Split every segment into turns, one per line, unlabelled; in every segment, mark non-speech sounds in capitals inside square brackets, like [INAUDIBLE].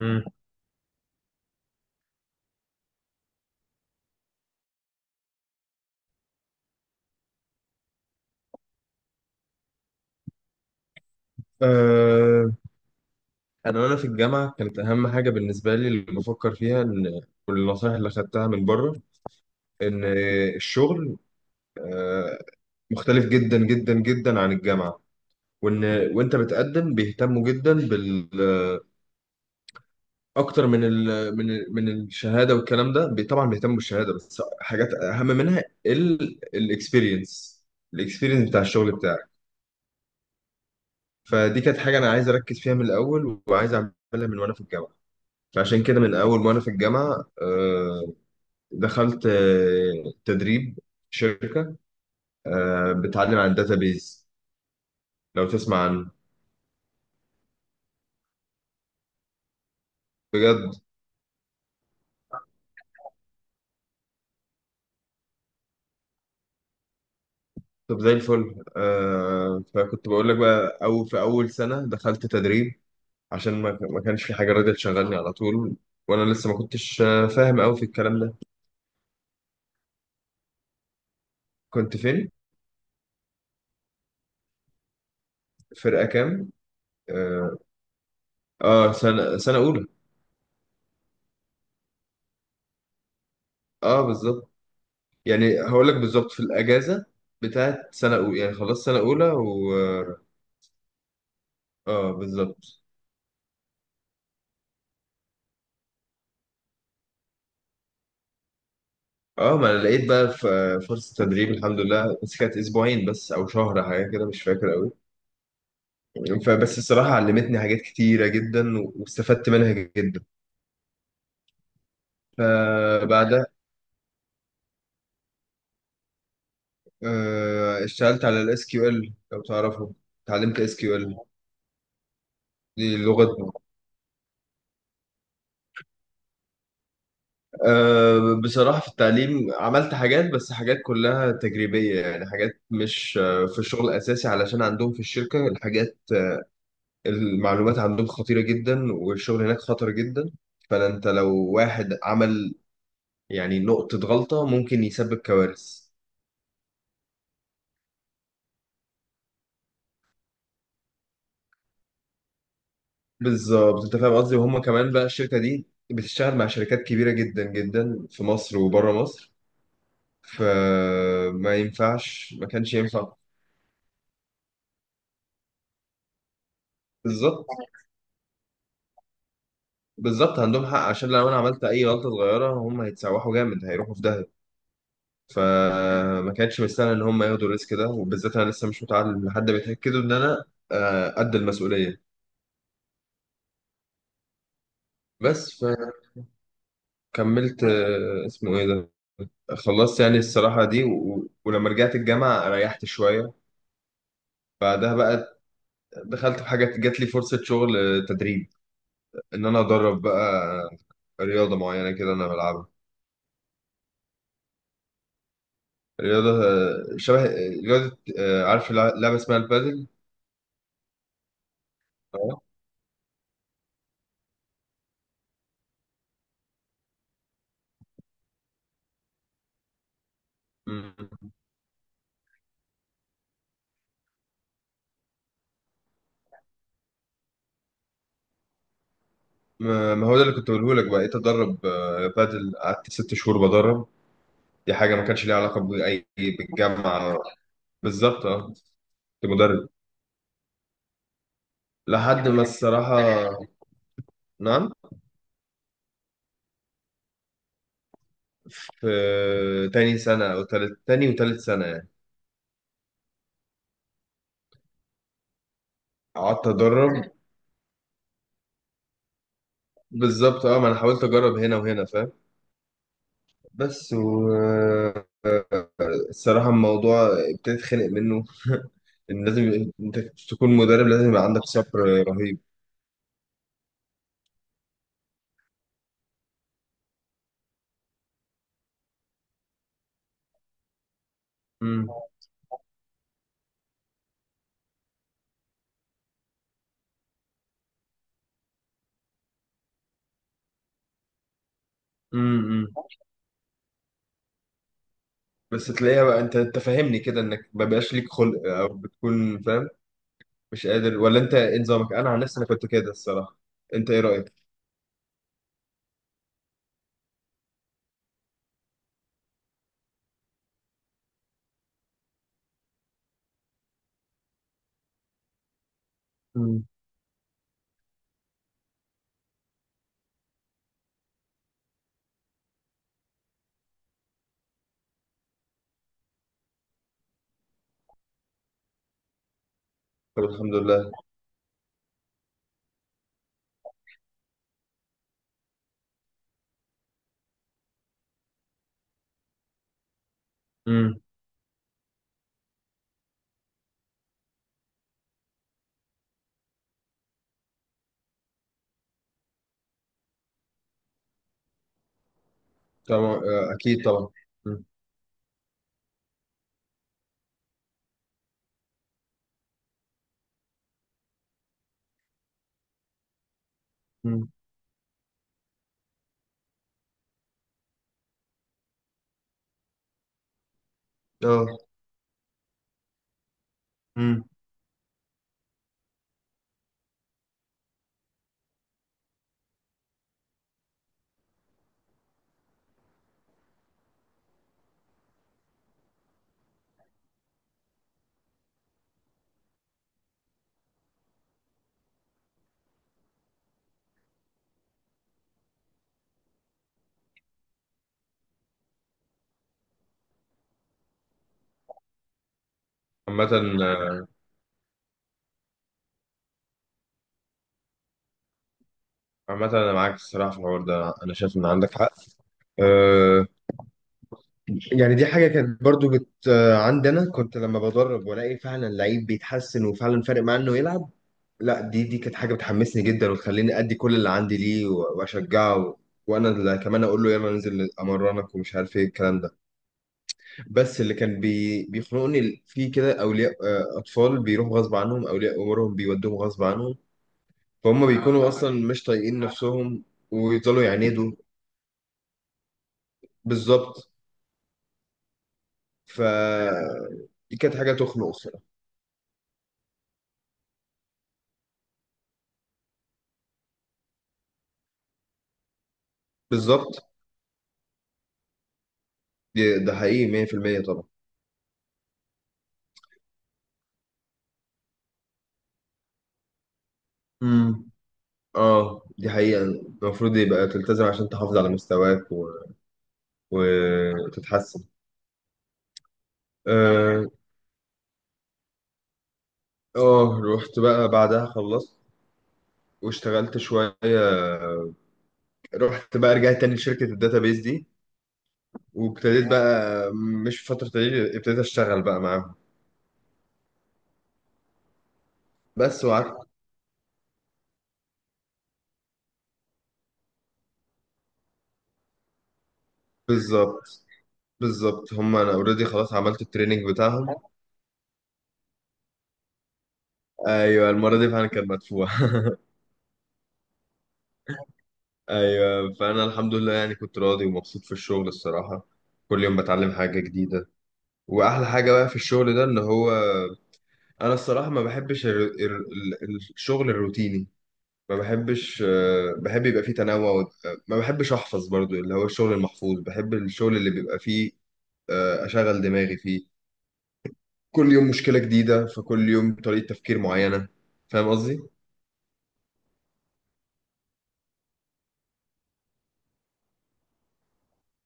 مم. آه، انا وانا في الجامعه كانت اهم حاجه بالنسبه لي اللي بفكر فيها ان والنصائح اللي خدتها من بره ان الشغل آه، مختلف جدا جدا جدا عن الجامعه وان وانت بتقدم بيهتموا جدا بال اكتر من الشهاده والكلام ده طبعا بيهتموا بالشهاده بس حاجات اهم منها الاكسبيرينس الاكسبيرينس بتاع الشغل بتاعك. فدي كانت حاجه انا عايز اركز فيها من الاول وعايز اعملها من وانا في الجامعه. فعشان كده من أول ما أنا في الجامعة دخلت تدريب في شركة بتعلم عن الداتابيز، لو تسمع عنه. بجد؟ طب زي الفل. فكنت بقول لك بقى، أو في أول سنة دخلت تدريب عشان ما كانش في حاجة راضية تشغلني على طول، وأنا لسه ما كنتش فاهم أوي في الكلام ده. كنت فين؟ فرقة كام؟ آه آه، سنة أولى. آه بالظبط. يعني هقول لك بالظبط في الأجازة بتاعت سنة أولى، يعني خلاص سنة أولى. اه بالظبط. اه ما انا لقيت بقى فرصة تدريب الحمد لله، بس كانت اسبوعين بس او شهر، حاجة كده مش فاكر قوي. فبس الصراحة علمتني حاجات كتيرة جدا واستفدت منها جدا. فبعدها اشتغلت على الاس كيو ال، لو تعرفه. اتعلمت اس كيو ال. دي لغة. بصراحة في التعليم عملت حاجات، بس حاجات كلها تجريبية، يعني حاجات مش في الشغل الأساسي، علشان عندهم في الشركة الحاجات، المعلومات عندهم خطيرة جدا والشغل هناك خطر جدا. فانت لو واحد عمل يعني نقطة غلطة ممكن يسبب كوارث. بالظبط انت فاهم قصدي، وهم كمان بقى الشركة دي بتشتغل مع شركات كبيرة جدا جدا في مصر وبره مصر، فما ينفعش، ما كانش ينفع. بالظبط. بالظبط عندهم حق، عشان لو انا عملت اي غلطة صغيرة هم هيتسوحوا جامد، هيروحوا في داهية. فما كانتش مستاهله ان هم ياخدوا الريسك ده، وبالذات انا لسه مش متعلم لحد ما يتاكدوا ان انا قد المسؤوليه. بس فكملت اسمه ايه ده، خلصت يعني الصراحه دي ولما رجعت الجامعه ريحت شويه. بعدها بقى دخلت في حاجه، جات لي فرصه شغل، تدريب ان انا ادرب بقى رياضه معينه كده انا بلعبها. رياضه شبه، رياضه، عارف لعبه اسمها البادل. اه، ما ما هو ده اللي كنت بقوله لك، بقيت ادرب بادل، قعدت ست شهور بدرب. دي حاجه ما كانش ليها علاقه باي بالجامعه. بالظبط اه. كنت مدرب. لحد ما الصراحه، نعم؟ في تاني سنه او تالت، تاني وتالت سنه يعني. قعدت ادرب. بالظبط اه، ما انا حاولت اجرب هنا وهنا، فاهم. بس والصراحه الموضوع ابتديت خنق منه [LAUGHS] ان لازم انت تكون مدرب لازم يبقى عندك صبر رهيب. امم امم بس تلاقيها بقى، انت فاهمني كده، انك ما بقاش ليك خلق او بتكون فاهم مش قادر، ولا انت ايه نظامك؟ انا عن نفسي انا كنت كده الصراحه. انت ايه رايك؟ مم. طب الحمد لله. امم طبعا، اكيد طبعا. مم. مم. اه. امم عامة. عامة أنا معاك الصراحة في الحوار ده، أنا شايف إن عندك حق. أه يعني دي حاجة كانت برضو بت عندي، أنا كنت لما بدرب وألاقي فعلا لعيب بيتحسن وفعلا فارق معاه إنه يلعب، لا دي كانت حاجة بتحمسني جدا وتخليني أدي كل اللي عندي ليه، وأشجعه، وأنا اللي كمان أقول له يلا ننزل أمرنك ومش عارف إيه الكلام ده. بس اللي كان بيخنقني فيه كده أولياء، أطفال بيروحوا غصب عنهم، أولياء أمورهم بيودوهم غصب عنهم، فهم بيكونوا أصلا مش طايقين نفسهم، ويفضلوا يعاندوا. بالظبط. ف دي كانت حاجة تخنق الصراحة. بالظبط. ده حقيقي 100% طبعا. امم اه دي حقيقة المفروض يبقى تلتزم عشان تحافظ على مستواك وتتحسن. اه. رحت بقى بعدها، خلصت واشتغلت شوية، رحت بقى رجعت تاني لشركة الداتابيز دي، وابتديت بقى مش في فترة تدريب، ابتديت اشتغل بقى معاهم. بس وقعدت. بالظبط. بالظبط، هم انا اوريدي خلاص عملت التريننج بتاعهم. ايوه المرة دي فعلا كان مدفوع [LAUGHS] ايوه فانا الحمد لله يعني كنت راضي ومبسوط في الشغل الصراحه. كل يوم بتعلم حاجه جديده. واحلى حاجه بقى في الشغل ده ان هو، انا الصراحه ما بحبش الشغل الروتيني، ما بحبش. بحب يبقى فيه تنوع ما بحبش احفظ برضو اللي هو الشغل المحفوظ، بحب الشغل اللي بيبقى فيه اشغل دماغي فيه، كل يوم مشكله جديده، فكل يوم طريقه تفكير معينه، فاهم قصدي؟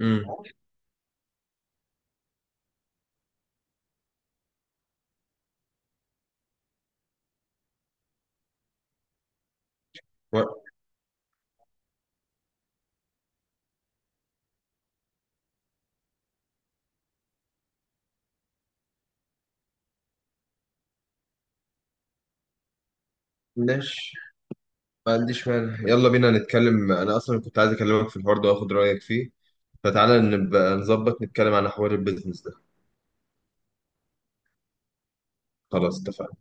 امم ماشي، ما عنديش مانع يلا بينا نتكلم، انا اصلا كنت عايز اكلمك في الحوار ده واخد رايك فيه، فتعالى نبقى نظبط نتكلم عن حوار البيزنس ده. خلاص اتفقنا.